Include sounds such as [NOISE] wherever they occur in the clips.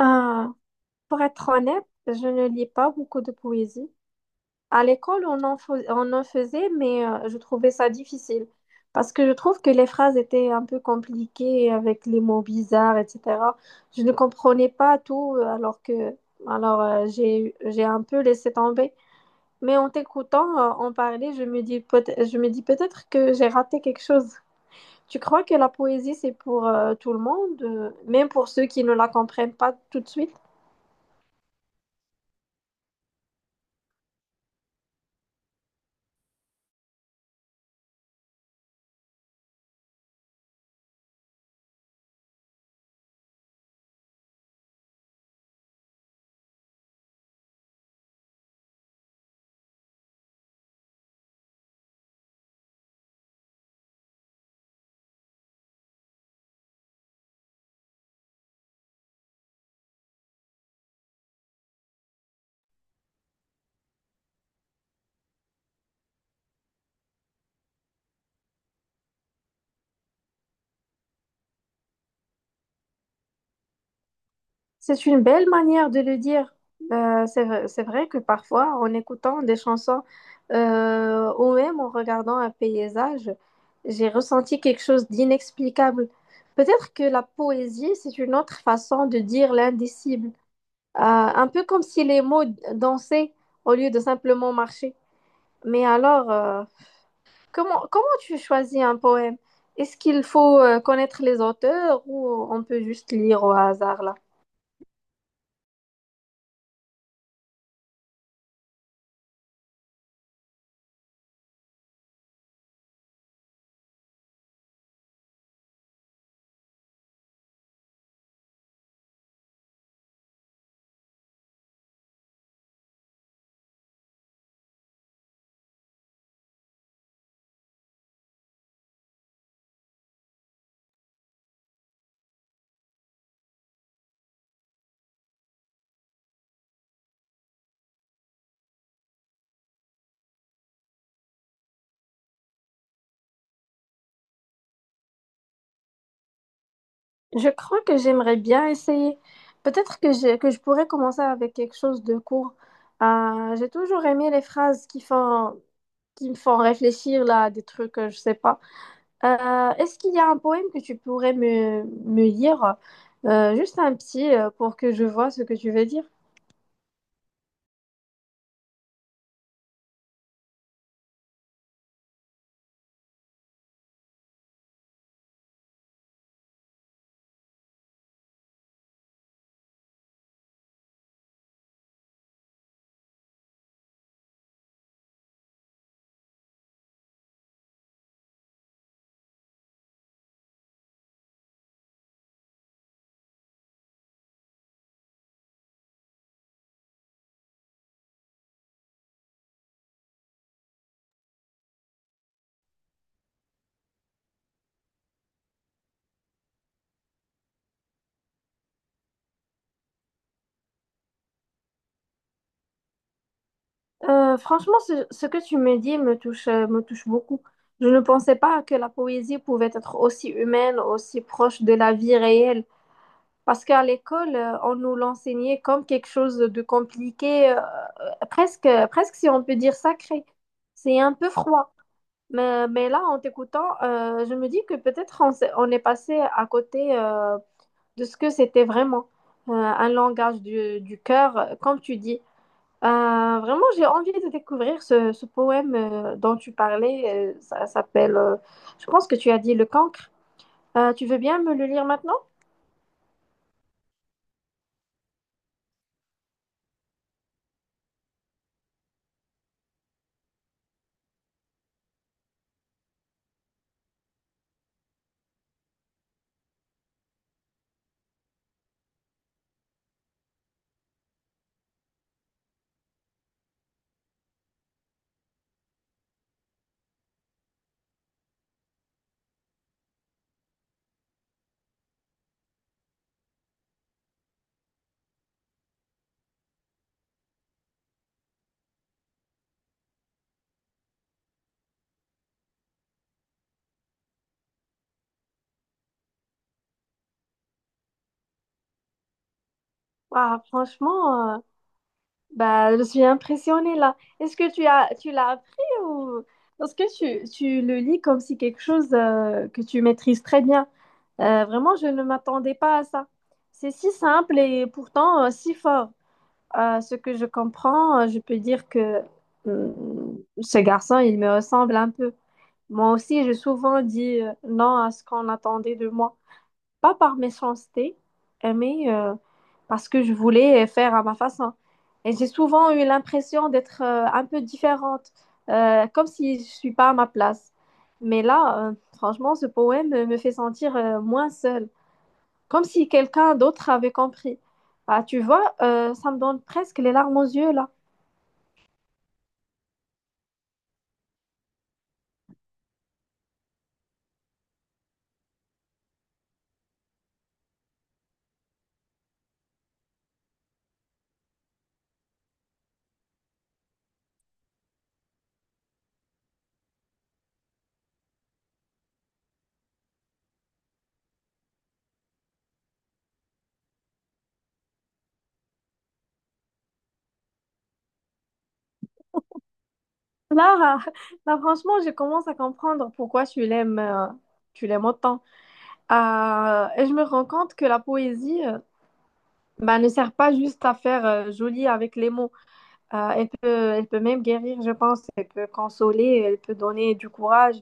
Euh, pour être honnête, je ne lis pas beaucoup de poésie. À l'école, on en faisait, mais je trouvais ça difficile parce que je trouve que les phrases étaient un peu compliquées avec les mots bizarres, etc. Je ne comprenais pas tout, alors que alors j'ai un peu laissé tomber. Mais en t'écoutant en parler, je me dis peut-être que j'ai raté quelque chose. Tu crois que la poésie, c'est pour tout le monde, même pour ceux qui ne la comprennent pas tout de suite? C'est une belle manière de le dire. C'est vrai, c'est vrai que parfois, en écoutant des chansons ou même en regardant un paysage, j'ai ressenti quelque chose d'inexplicable. Peut-être que la poésie, c'est une autre façon de dire l'indicible. Un peu comme si les mots dansaient au lieu de simplement marcher. Mais alors, comment tu choisis un poème? Est-ce qu'il faut connaître les auteurs ou on peut juste lire au hasard là? Je crois que j'aimerais bien essayer. Peut-être que je pourrais commencer avec quelque chose de court. J'ai toujours aimé les phrases qui me font réfléchir là, à des trucs, je sais pas. Est-ce qu'il y a un poème que tu pourrais me lire? Juste un petit pour que je vois ce que tu veux dire. Franchement, ce que tu me dis me touche beaucoup. Je ne pensais pas que la poésie pouvait être aussi humaine, aussi proche de la vie réelle. Parce qu'à l'école, on nous l'enseignait comme quelque chose de compliqué, presque si on peut dire sacré. C'est un peu froid. Mais là, en t'écoutant, je me dis que peut-être on est passé à côté de ce que c'était vraiment. Un langage du cœur, comme tu dis. Vraiment, j'ai envie de découvrir ce poème dont tu parlais. Je pense que tu as dit Le Cancre. Tu veux bien me le lire maintenant? Ah, franchement, euh, Bah, je suis impressionnée là. Est-ce que tu as, Tu l'as appris ou parce que tu le lis comme si quelque chose que tu maîtrises très bien. Vraiment, je ne m'attendais pas à ça. C'est si simple et pourtant si fort. Ce que je comprends, je peux dire que euh, ce garçon, il me ressemble un peu. Moi aussi, j'ai souvent dit non à ce qu'on attendait de moi, pas par méchanceté, euh, mais euh, parce que je voulais faire à ma façon. Et j'ai souvent eu l'impression d'être un peu différente, comme si je suis pas à ma place. Mais là, franchement, ce poème me fait sentir moins seule, comme si quelqu'un d'autre avait compris. Bah, tu vois, ça me donne presque les larmes aux yeux là. Là, [LAUGHS] là, franchement, je commence à comprendre pourquoi tu l'aimes autant. Ah, et je me rends compte que la poésie, ben, ne sert pas juste à faire joli avec les mots. Euh, elle peut, Elle peut même guérir, je pense. Elle peut consoler, elle peut donner du courage.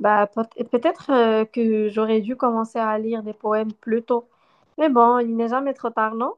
Peut-être que j'aurais dû commencer à lire des poèmes plus tôt. Mais bon, il n'est jamais trop tard, non?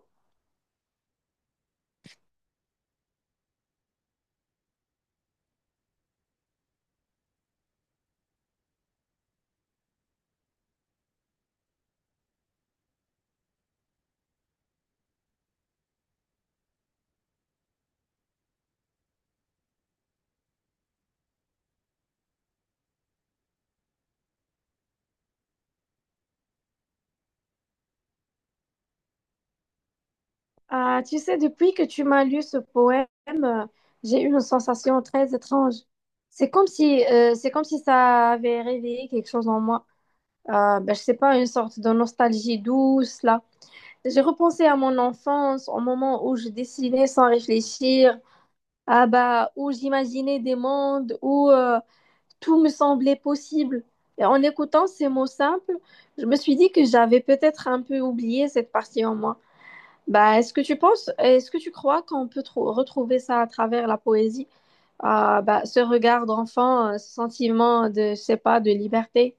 Ah, tu sais, depuis que tu m'as lu ce poème, j'ai eu une sensation très étrange. C'est comme si ça avait réveillé quelque chose en moi. Ben, je sais pas, une sorte de nostalgie douce, là. J'ai repensé à mon enfance, au moment où je dessinais sans réfléchir, ah bah, où j'imaginais des mondes où tout me semblait possible. Et en écoutant ces mots simples, je me suis dit que j'avais peut-être un peu oublié cette partie en moi. Est-ce que tu crois qu'on peut retrouver ça à travers la poésie? Ah bah, ce regard d'enfant, ce sentiment de, je sais pas, de liberté.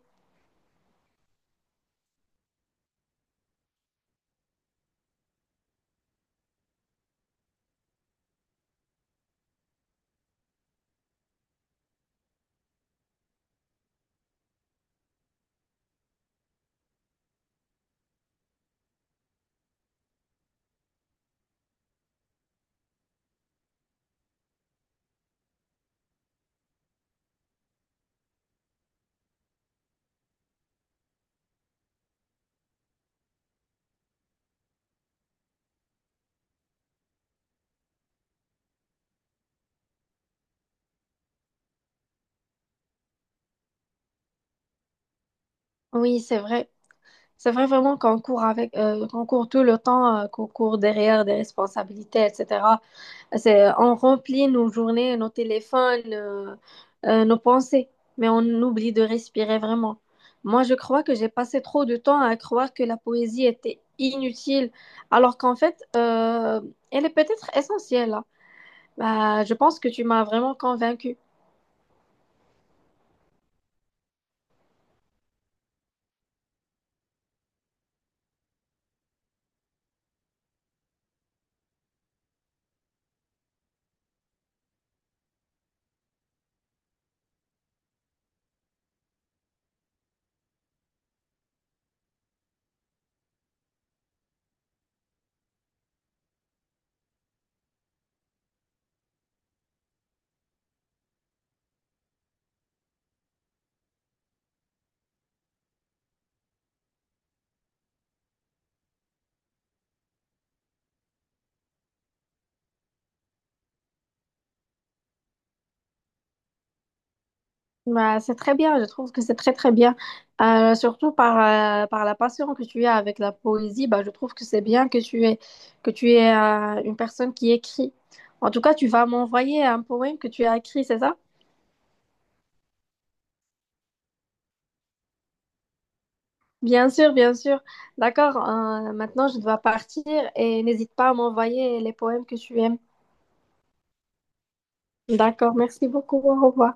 Oui, c'est vrai. C'est vrai vraiment qu'on court tout le temps, qu'on court derrière des responsabilités, etc. On remplit nos journées, nos téléphones, nos pensées, mais on oublie de respirer vraiment. Moi, je crois que j'ai passé trop de temps à croire que la poésie était inutile, alors qu'en fait, elle est peut-être essentielle, hein. Bah, je pense que tu m'as vraiment convaincue. Bah, c'est très bien, je trouve que c'est très très bien. Par la passion que tu as avec la poésie, bah, je trouve que c'est bien que tu es une personne qui écrit. En tout cas, tu vas m'envoyer un poème que tu as écrit, c'est ça? Bien sûr, bien sûr. D'accord, maintenant je dois partir et n'hésite pas à m'envoyer les poèmes que tu aimes. D'accord, merci beaucoup, au revoir.